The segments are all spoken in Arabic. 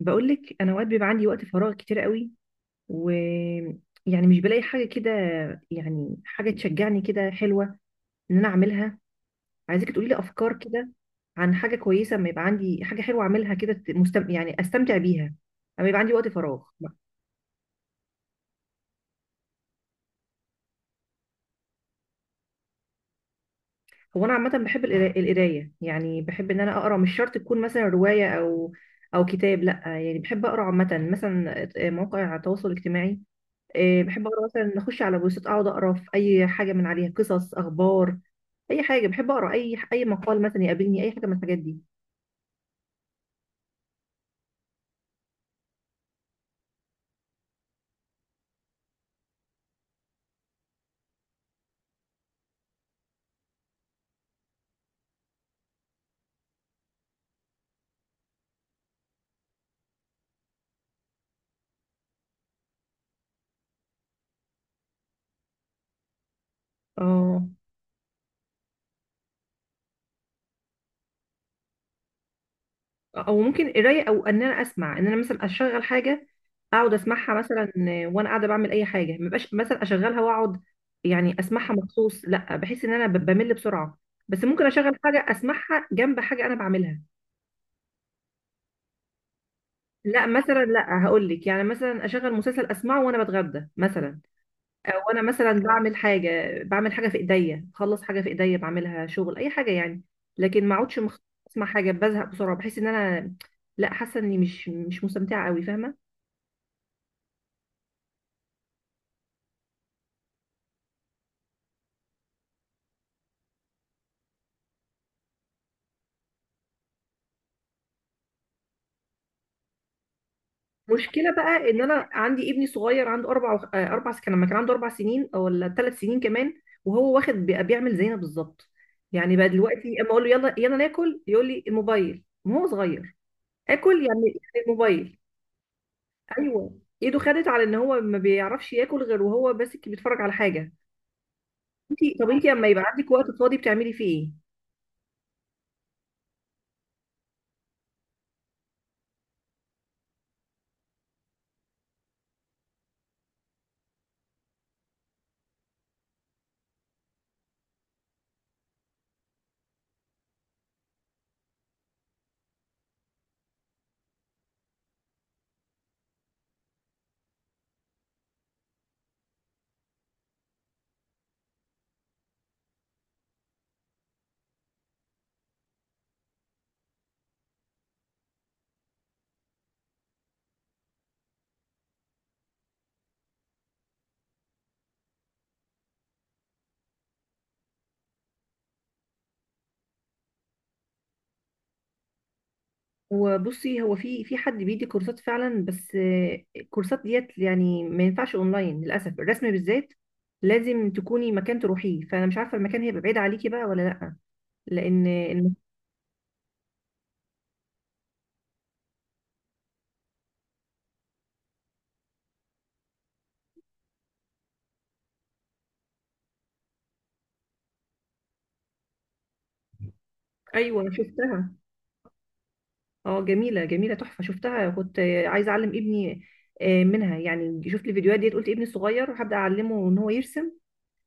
بقول لك انا اوقات بيبقى عندي وقت فراغ كتير قوي، ويعني مش بلاقي حاجه كده، يعني حاجه تشجعني كده حلوه ان انا اعملها. عايزاكي تقولي لي افكار كده عن حاجه كويسه اما يبقى عندي حاجه حلوه اعملها كده، ت- مستم... يعني استمتع بيها اما يبقى عندي وقت فراغ. هو انا عامه بحب القرايه، يعني بحب ان انا اقرا. مش شرط تكون مثلا روايه او كتاب، لا، يعني بحب اقرا عامه، مثلا مواقع التواصل الاجتماعي. إيه، بحب اقرا مثلا اخش على بوستات اقعد اقرا في اي حاجه من عليها، قصص، اخبار، اي حاجه، بحب اقرا اي مقال مثلا يقابلني، اي حاجه من الحاجات دي. اه، او ممكن قرايه او ان انا اسمع، ان انا مثلا اشغل حاجه اقعد اسمعها مثلا وانا قاعده بعمل اي حاجه. ما بقاش مثلا اشغلها واقعد يعني اسمعها مخصوص، لا، بحس ان انا بمل بسرعه. بس ممكن اشغل حاجه اسمعها جنب حاجه انا بعملها. لا، مثلا لا، هقول لك، يعني مثلا اشغل مسلسل اسمعه وانا بتغدى مثلا. وانا مثلا بعمل حاجه، بعمل حاجه في ايديا، بخلص حاجه في ايديا بعملها، شغل اي حاجه يعني. لكن ما اقعدش اسمع حاجه بزهق بسرعه، بحس ان انا، لا، حاسه اني مش مستمتعه قوي، فاهمه. مشكله بقى ان انا عندي ابني صغير عنده اربع وخ- آه، 4 سنين. لما كان عنده 4 سنين او ولا 3 سنين كمان، وهو واخد بيعمل زينا بالظبط. يعني بقى دلوقتي اما اقول له يلا يلا ناكل، يقول لي الموبايل، وهو صغير، اكل يعني الموبايل. ايوه، ايده خدت على ان هو ما بيعرفش ياكل غير وهو بس بيتفرج على حاجه. انتي طب انتي لما يبقى عندك وقت فاضي بتعملي فيه ايه؟ وبصي، هو في حد بيدي كورسات فعلا، بس الكورسات ديت يعني ما ينفعش اونلاين للاسف، الرسم بالذات لازم تكوني مكان تروحيه. فانا مش عارفه المكان هيبقى بعيد عليكي بقى ولا لا، لان الم- ايوه انا شفتها. اه، جميله جميله تحفه شفتها، كنت عايزه اعلم ابني منها، يعني شفت الفيديوهات ديت قلت ابني الصغير هبدا اعلمه ان هو يرسم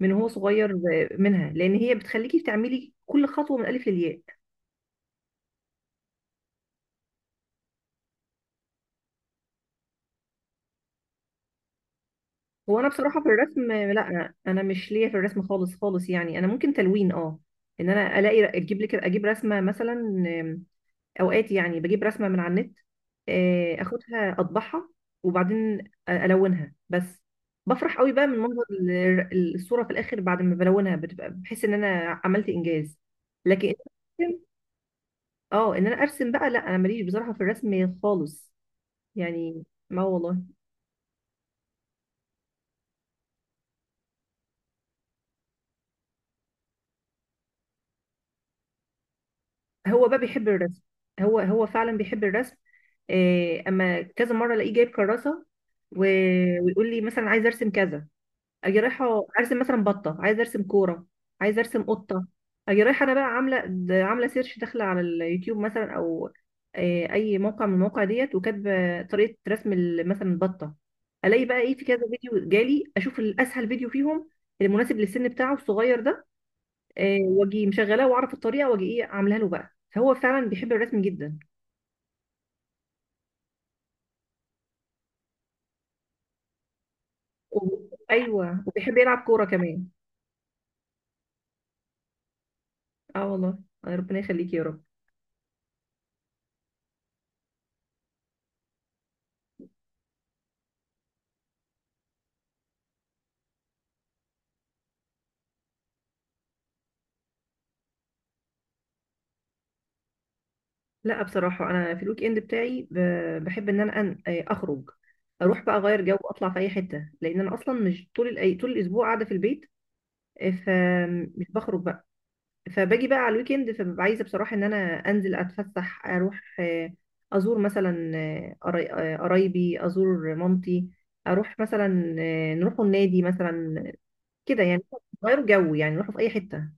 من هو صغير منها، لان هي بتخليكي تعملي كل خطوه من الالف للياء. هو انا بصراحه في الرسم لا، انا مش ليا في الرسم خالص خالص، يعني انا ممكن تلوين، اه. ان انا الاقي اجيب لك، اجيب رسمه مثلا، آم، اوقات يعني بجيب رسمه من على النت، اخدها اطبعها وبعدين الونها بس. بفرح قوي بقى من منظر الصوره في الاخر، بعد ما بلونها بتبقى بحس ان انا عملت انجاز. لكن اه ان انا ارسم بقى، لا، انا ماليش بصراحه في الرسم خالص يعني، ما والله. هو بقى بيحب الرسم، هو هو فعلا بيحب الرسم. إيه، اما كذا مره الاقيه جايب كراسه و... ويقول لي مثلا عايز ارسم كذا. اجي رايحه ارسم مثلا بطه، عايز ارسم كوره، عايز ارسم قطه. اجي رايحه انا بقى عامله سيرش، داخله على اليوتيوب مثلا، او إيه، اي موقع من المواقع ديت، وكاتبه طريقه رسم مثلا البطه. الاقي بقى ايه، في كذا فيديو جالي، اشوف الاسهل فيديو فيهم المناسب للسن بتاعه الصغير ده، واجي مشغلاه واعرف الطريقه واجي ايه عاملها له بقى. فهو فعلا بيحب الرسم جدا. و... ايوه، وبيحب يلعب كوره كمان. اه والله، ربنا يخليك يا رب. لا بصراحه انا في الويك اند بتاعي بحب ان انا أن... آه، اخرج، اروح بقى اغير جو واطلع في اي حته، لان انا اصلا مش طول الاسبوع قاعده في البيت، فمش بخرج بقى. فباجي بقى على الويكند فببقى عايزه بصراحه ان انا انزل اتفسح اروح، ازور مثلا قرايبي، ازور مامتي، اروح مثلا نروحوا النادي مثلا، كده يعني، غير جو يعني نروحوا في اي حته.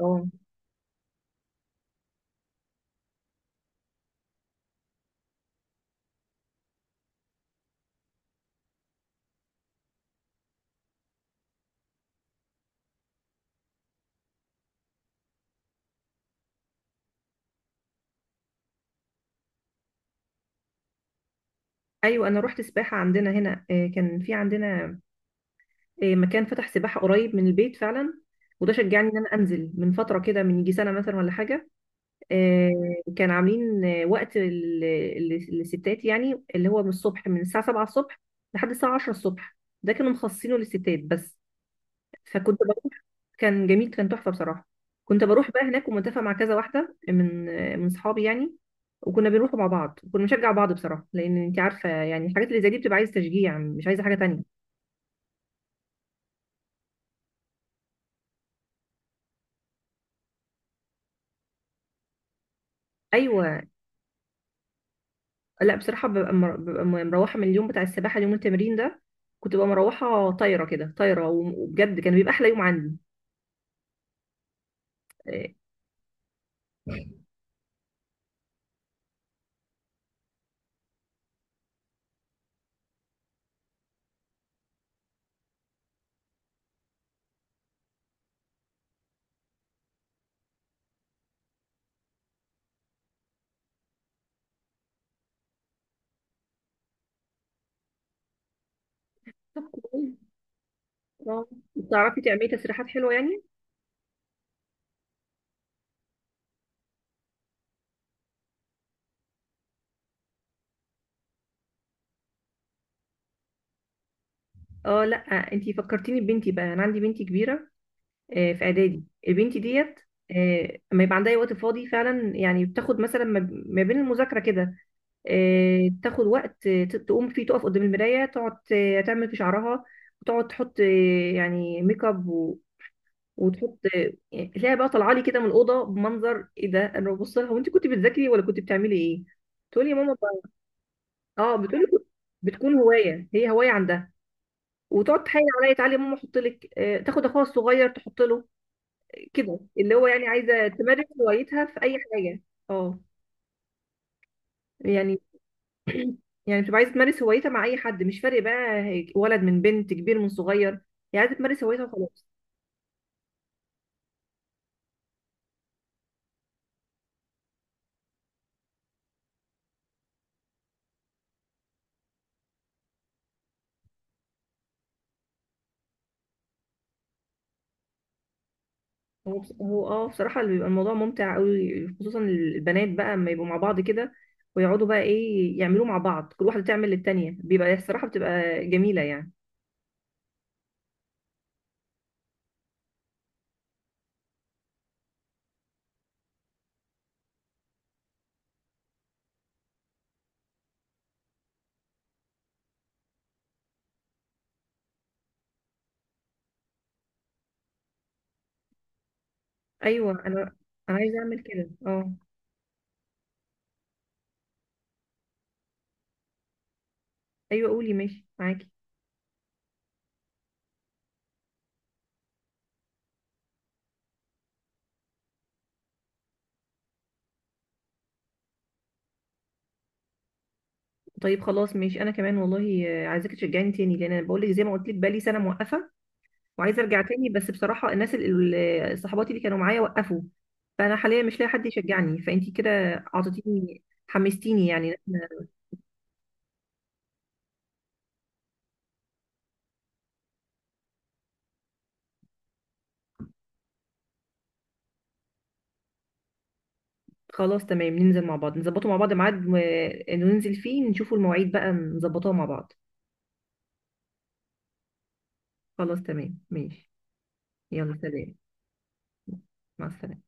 اه ايوه، انا روحت سباحه عندنا هنا، كان في عندنا مكان فتح سباحه قريب من البيت فعلا، وده شجعني ان انا انزل من فتره كده، من يجي سنه مثلا ولا حاجه. كان عاملين وقت للستات، يعني اللي هو من الصبح، من الساعة 7 الصبح لحد الساعة 10 الصبح. ده كانوا مخصصينه للستات بس، فكنت بروح. كان جميل، كان تحفة بصراحة. كنت بروح بقى هناك ومتفق مع كذا واحدة من صحابي يعني، وكنا بنروح مع بعض، وكنا بنشجع بعض بصراحة، لأن أنت عارفة يعني الحاجات اللي زي دي بتبقى عايزة تشجيع، مش عايزة حاجة تانية. أيوة، لا بصراحة ببقى مروحة من اليوم بتاع السباحة، اليوم التمرين ده كنت ببقى مروحة طايرة كده طايرة، وبجد كان بيبقى أحلى يوم عندي. آه، طب كويس. آه، بتعرفي تعملي تسريحات حلوه يعني؟ اه لا، انتي فكرتيني ببنتي بقى، انا عندي بنتي كبيره، في اعدادي البنت ديت. اما يبقى عندها أي وقت فاضي فعلا يعني، بتاخد مثلا ما بين المذاكره كده، تاخد وقت تقوم فيه، تقف قدام المرايه، تقعد تعمل في شعرها، وتقعد تحط يعني ميك اب، وتحط يعني، تلاقيها بقى طالعه لي كده من الاوضه بمنظر ايه ده. انا ببص لها، وانت كنت بتذاكري ولا كنت بتعملي ايه؟ تقولي يا ماما. اه بتقول، بتكون هوايه، هي هوايه عندها. وتقعد تحايل عليا، تعالي يا ماما احط لك، تاخد اخوها الصغير تحط له، كده، اللي هو يعني عايزه تمارس هوايتها في اي حاجه. اه يعني يعني بتبقى عايزه تمارس هوايتها مع اي حد، مش فارق بقى ولد من بنت، كبير من صغير، هي عايزه تمارس هوايتها وخلاص. هو بصراحه اللي بيبقى الموضوع ممتع قوي، خصوصا البنات بقى اما يبقوا مع بعض كده ويقعدوا بقى ايه يعملوه مع بعض، كل واحده تعمل للتانيه، بيبقى الصراحه بتبقى جميله يعني. ايوه. انا عايزه اعمل كده، اه. ايوه قولي، ماشي معاكي. طيب خلاص ماشي، انا كمان والله عايزاكي تشجعني تاني، لان انا بقول لك زي ما قلت لك بقالي سنه موقفه، وعايزه ارجع تاني، بس بصراحه الناس صحباتي اللي كانوا معايا وقفوا، فانا حاليا مش لاقي حد يشجعني. فانتي كده اعطيتيني، حمستيني يعني إن إحنا. خلاص تمام، ننزل مع بعض، نظبطه مع بعض ميعاد ننزل فيه، نشوفوا المواعيد بقى نظبطوها مع بعض. خلاص تمام ماشي. يلا سلام، مع السلامه.